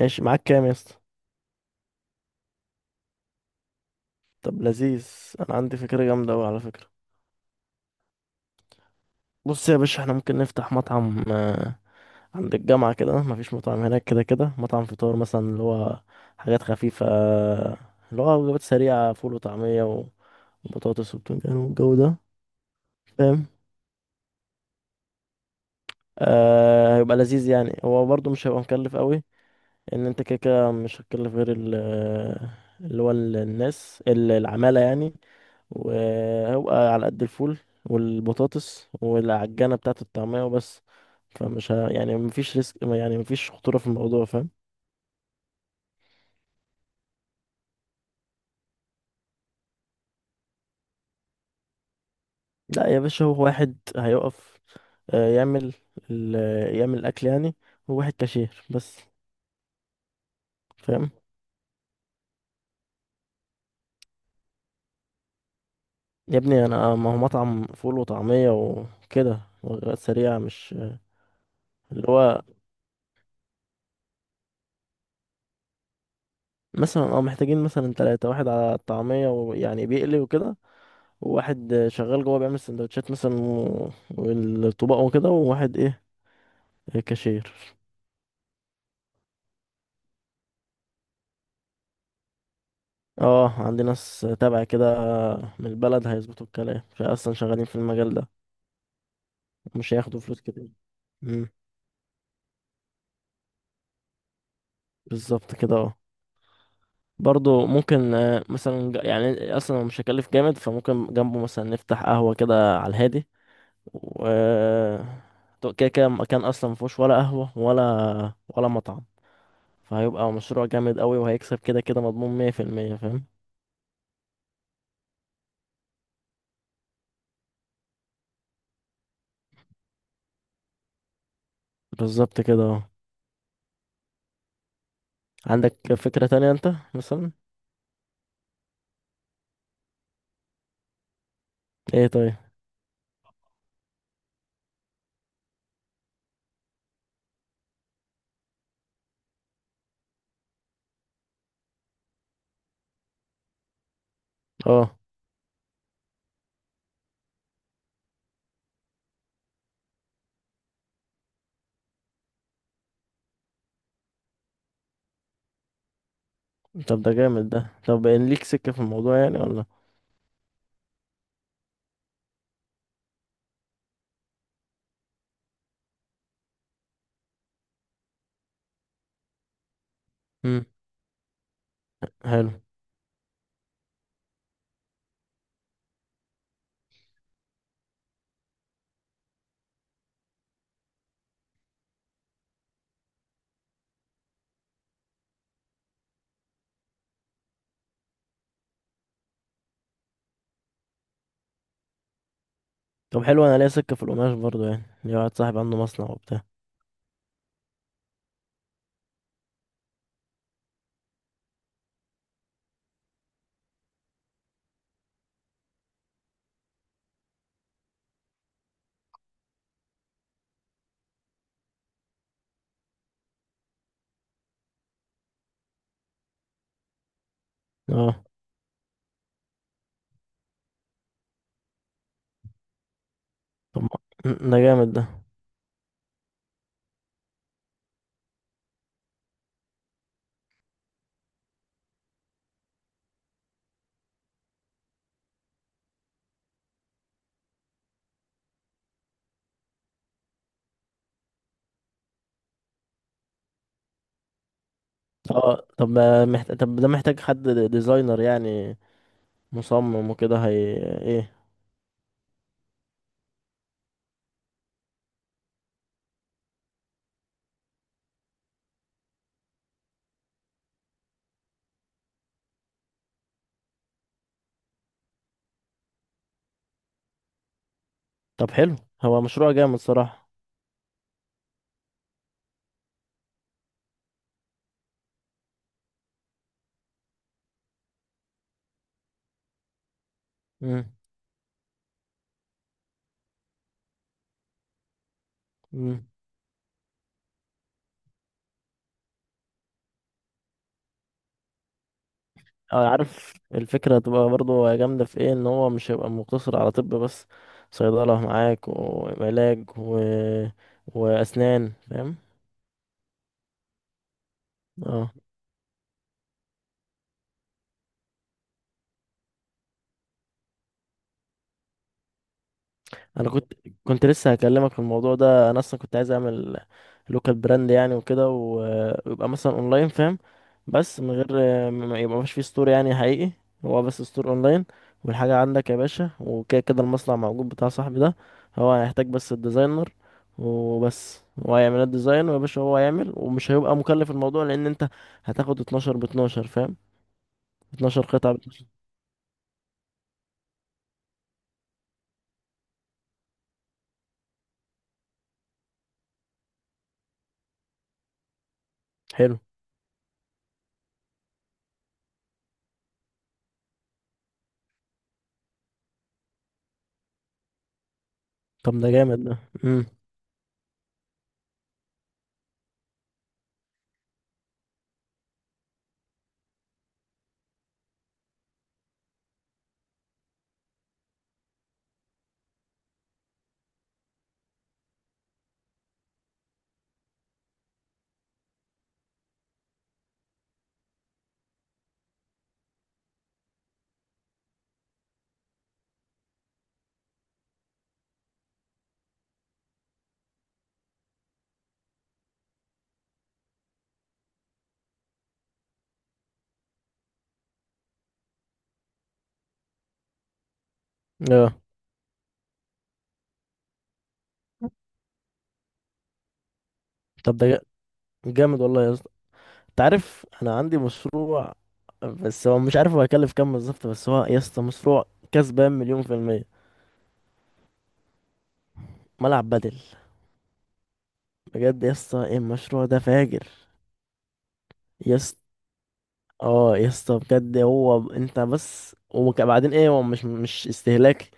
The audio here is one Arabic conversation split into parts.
ماشي معاك كام يا اسطى؟ طب لذيذ. انا عندي فكره جامده قوي على فكره. بص يا باشا احنا ممكن نفتح مطعم عند الجامعه كده، مفيش مطعم هناك. كده كده مطعم فطار مثلا، اللي هو حاجات خفيفه، اللي هو وجبات سريعه، فول وطعميه وبطاطس وبتنجان والجو ده. فاهم؟ آه، هيبقى لذيذ يعني. هو برضه مش هيبقى مكلف قوي، ان انت كده كده مش هتكلف غير الناس، العماله يعني، وهو على قد الفول والبطاطس والعجانة بتاعة الطعمية وبس. يعني مفيش ريسك، يعني مفيش خطورة في الموضوع. فاهم؟ لا يا باشا، هو واحد هيقف يعمل ال... يعمل الأكل يعني. هو واحد كاشير بس. فاهم؟ يا ابني أنا ما هو مطعم فول وطعمية وكده، وجبات سريعة مش اللي هو. مثلا اه، محتاجين مثلا تلاتة، واحد على الطعمية ويعني بيقلي وكده، واحد شغال جوه بيعمل سندوتشات مثلا والطباق وكده، وواحد ايه، كاشير. اه عندي ناس تابع كده من البلد هيظبطوا الكلام فاصلا، شغالين في المجال ده. مش هياخدوا فلوس كتير. امم، بالظبط كده اه. برضو ممكن مثلا يعني اصلا هو مش هيكلف جامد، فممكن جنبه مثلا نفتح قهوة كده على الهادي و كده كده مكان اصلا مفيهوش ولا قهوة ولا مطعم. فهيبقى مشروع جامد قوي، وهيكسب كده كده، مضمون مية في المية. فاهم؟ بالظبط كده اه. عندك فكرة تانية انت مثلا؟ ايه؟ طيب. اه، طب ده جامد ده. طب ان ليك سكة في الموضوع يعني ولا؟ امم، حلو. طب حلو. انا ليا سكة في القماش برضو، يعني ليا واحد صاحبي عنده مصنع وبتاع. اه، طب ما- م- ده جامد ده. اه، طب ما محت... طب ده محتاج حد ديزاينر يعني، مصمم وكده. هي ايه؟ طب حلو. هو مشروع جامد صراحة. امم. أو عارف الفكرة هتبقى برضو جامدة في ايه؟ ان هو مش هيبقى مقتصر على طب بس، صيدلة معاك وعلاج وأسنان. فاهم؟ اه، انا كنت كنت لسه هكلمك في الموضوع ده. انا اصلا كنت عايز اعمل لوكال براند يعني وكده، ويبقى مثلا اونلاين. فاهم؟ بس من غير ما يبقى، مش فيه ستور يعني حقيقي. هو بس ستور اونلاين، والحاجه عندك يا باشا، وكده كده المصنع موجود بتاع صاحبي ده. هو هيحتاج بس الديزاينر وبس، هو هيعمل الديزاين، ويا باشا هو هيعمل ومش هيبقى مكلف الموضوع، لان انت هتاخد 12 ب 12. فاهم؟ 12 قطعه ب 12. حلو. طب ده جامد ده. امم. اه، طب ده جا- جامد والله يا اسطى. تعرف انا عندي مشروع؟ بس هو مش عارف هو هيكلف كام بالظبط. بس هو يا اسطى مشروع كسبان مليون في المية: ملعب بدل. بجد يا اسطى، إيه المشروع ده فاجر! يا اه يا اسطى بجد. هو انت بس، وبعدين ايه، هو مش استهلاك.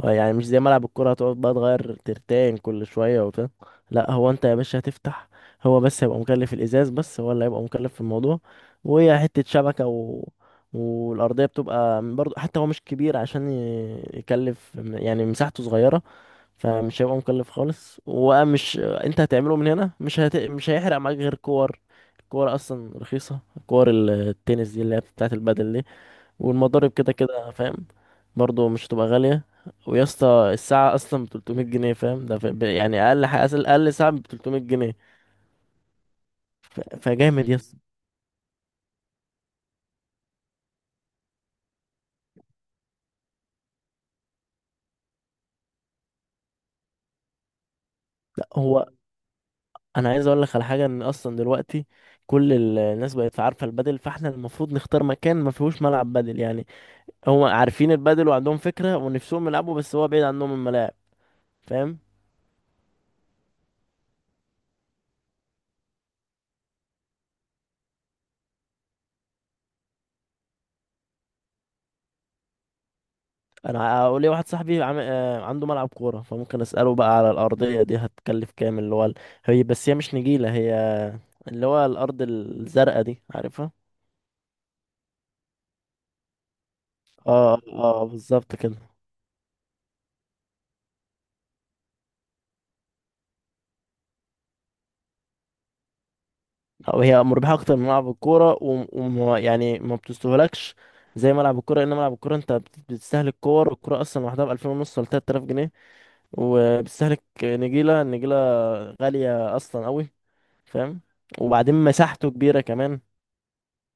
هو يعني مش زي ملعب الكرة، هتقعد بقى تغير ترتين كل شوية وبتاع. لا، هو انت يا باشا هتفتح، هو بس هيبقى مكلف الازاز، بس هو اللي هيبقى مكلف في الموضوع، وهي حتة شبكة. والأرضية بتبقى برضه حتى، هو مش كبير عشان يكلف، يعني مساحته صغيرة. فمش هيبقى مكلف خالص. ومش انت هتعمله من هنا، مش هيحرق معاك غير كور. الكور اصلا رخيصه، كور التنس دي اللي هي بتاعه البدل دي. والمضارب كده كده. فاهم؟ برضو مش هتبقى غاليه. ويا اسطى الساعه اصلا ب 300 جنيه. فاهم؟ يعني اقل حاجه، اقل ساعه ب 300 جنيه. فجامد يا اسطى. لا، هو انا عايز اقول لك على حاجه. ان اصلا دلوقتي كل الناس بقت عارفه البدل، فاحنا المفروض نختار مكان ما فيهوش ملعب بدل يعني. هم عارفين البادل وعندهم فكرة ونفسهم يلعبوا، بس هو بعيد عنهم الملاعب. فاهم؟ انا هقول لي واحد صاحبي عم... آه، عنده ملعب كورة، فممكن اسأله بقى على الأرضية دي هتكلف كام، اللي هو هي. بس هي مش نجيلة، هي اللي هو الأرض الزرقاء دي، عارفها؟ اه اه، آه، بالظبط كده. أو هي مربحة اكتر من ملعب الكورة، ويعني ما بتستهلكش زي ملعب الكورة، لان ملعب الكورة انت بتستهلك كور الكورة اصلا لوحدها ب 2500 ونص ولا 3000 جنيه. وبتستهلك نجيلة. النجيلة غالية اصلا قوي. فاهم؟ وبعدين مساحته كبيرة كمان.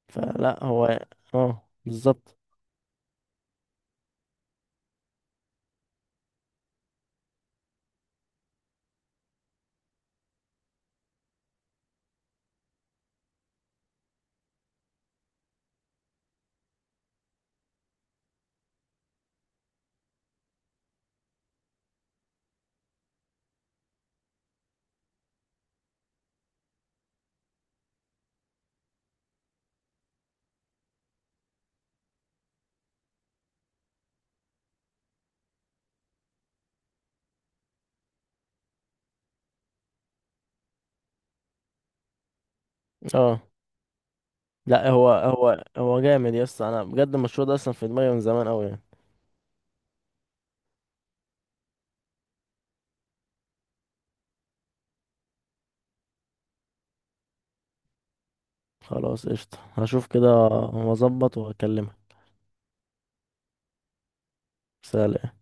فلا هو. اه، بالظبط. اه، لا هو هو جامد يا اسطى. انا بجد المشروع ده اصلا في دماغي من زمان قوي يعني. خلاص قشطة، هشوف كده واظبط واكلمك. سلام.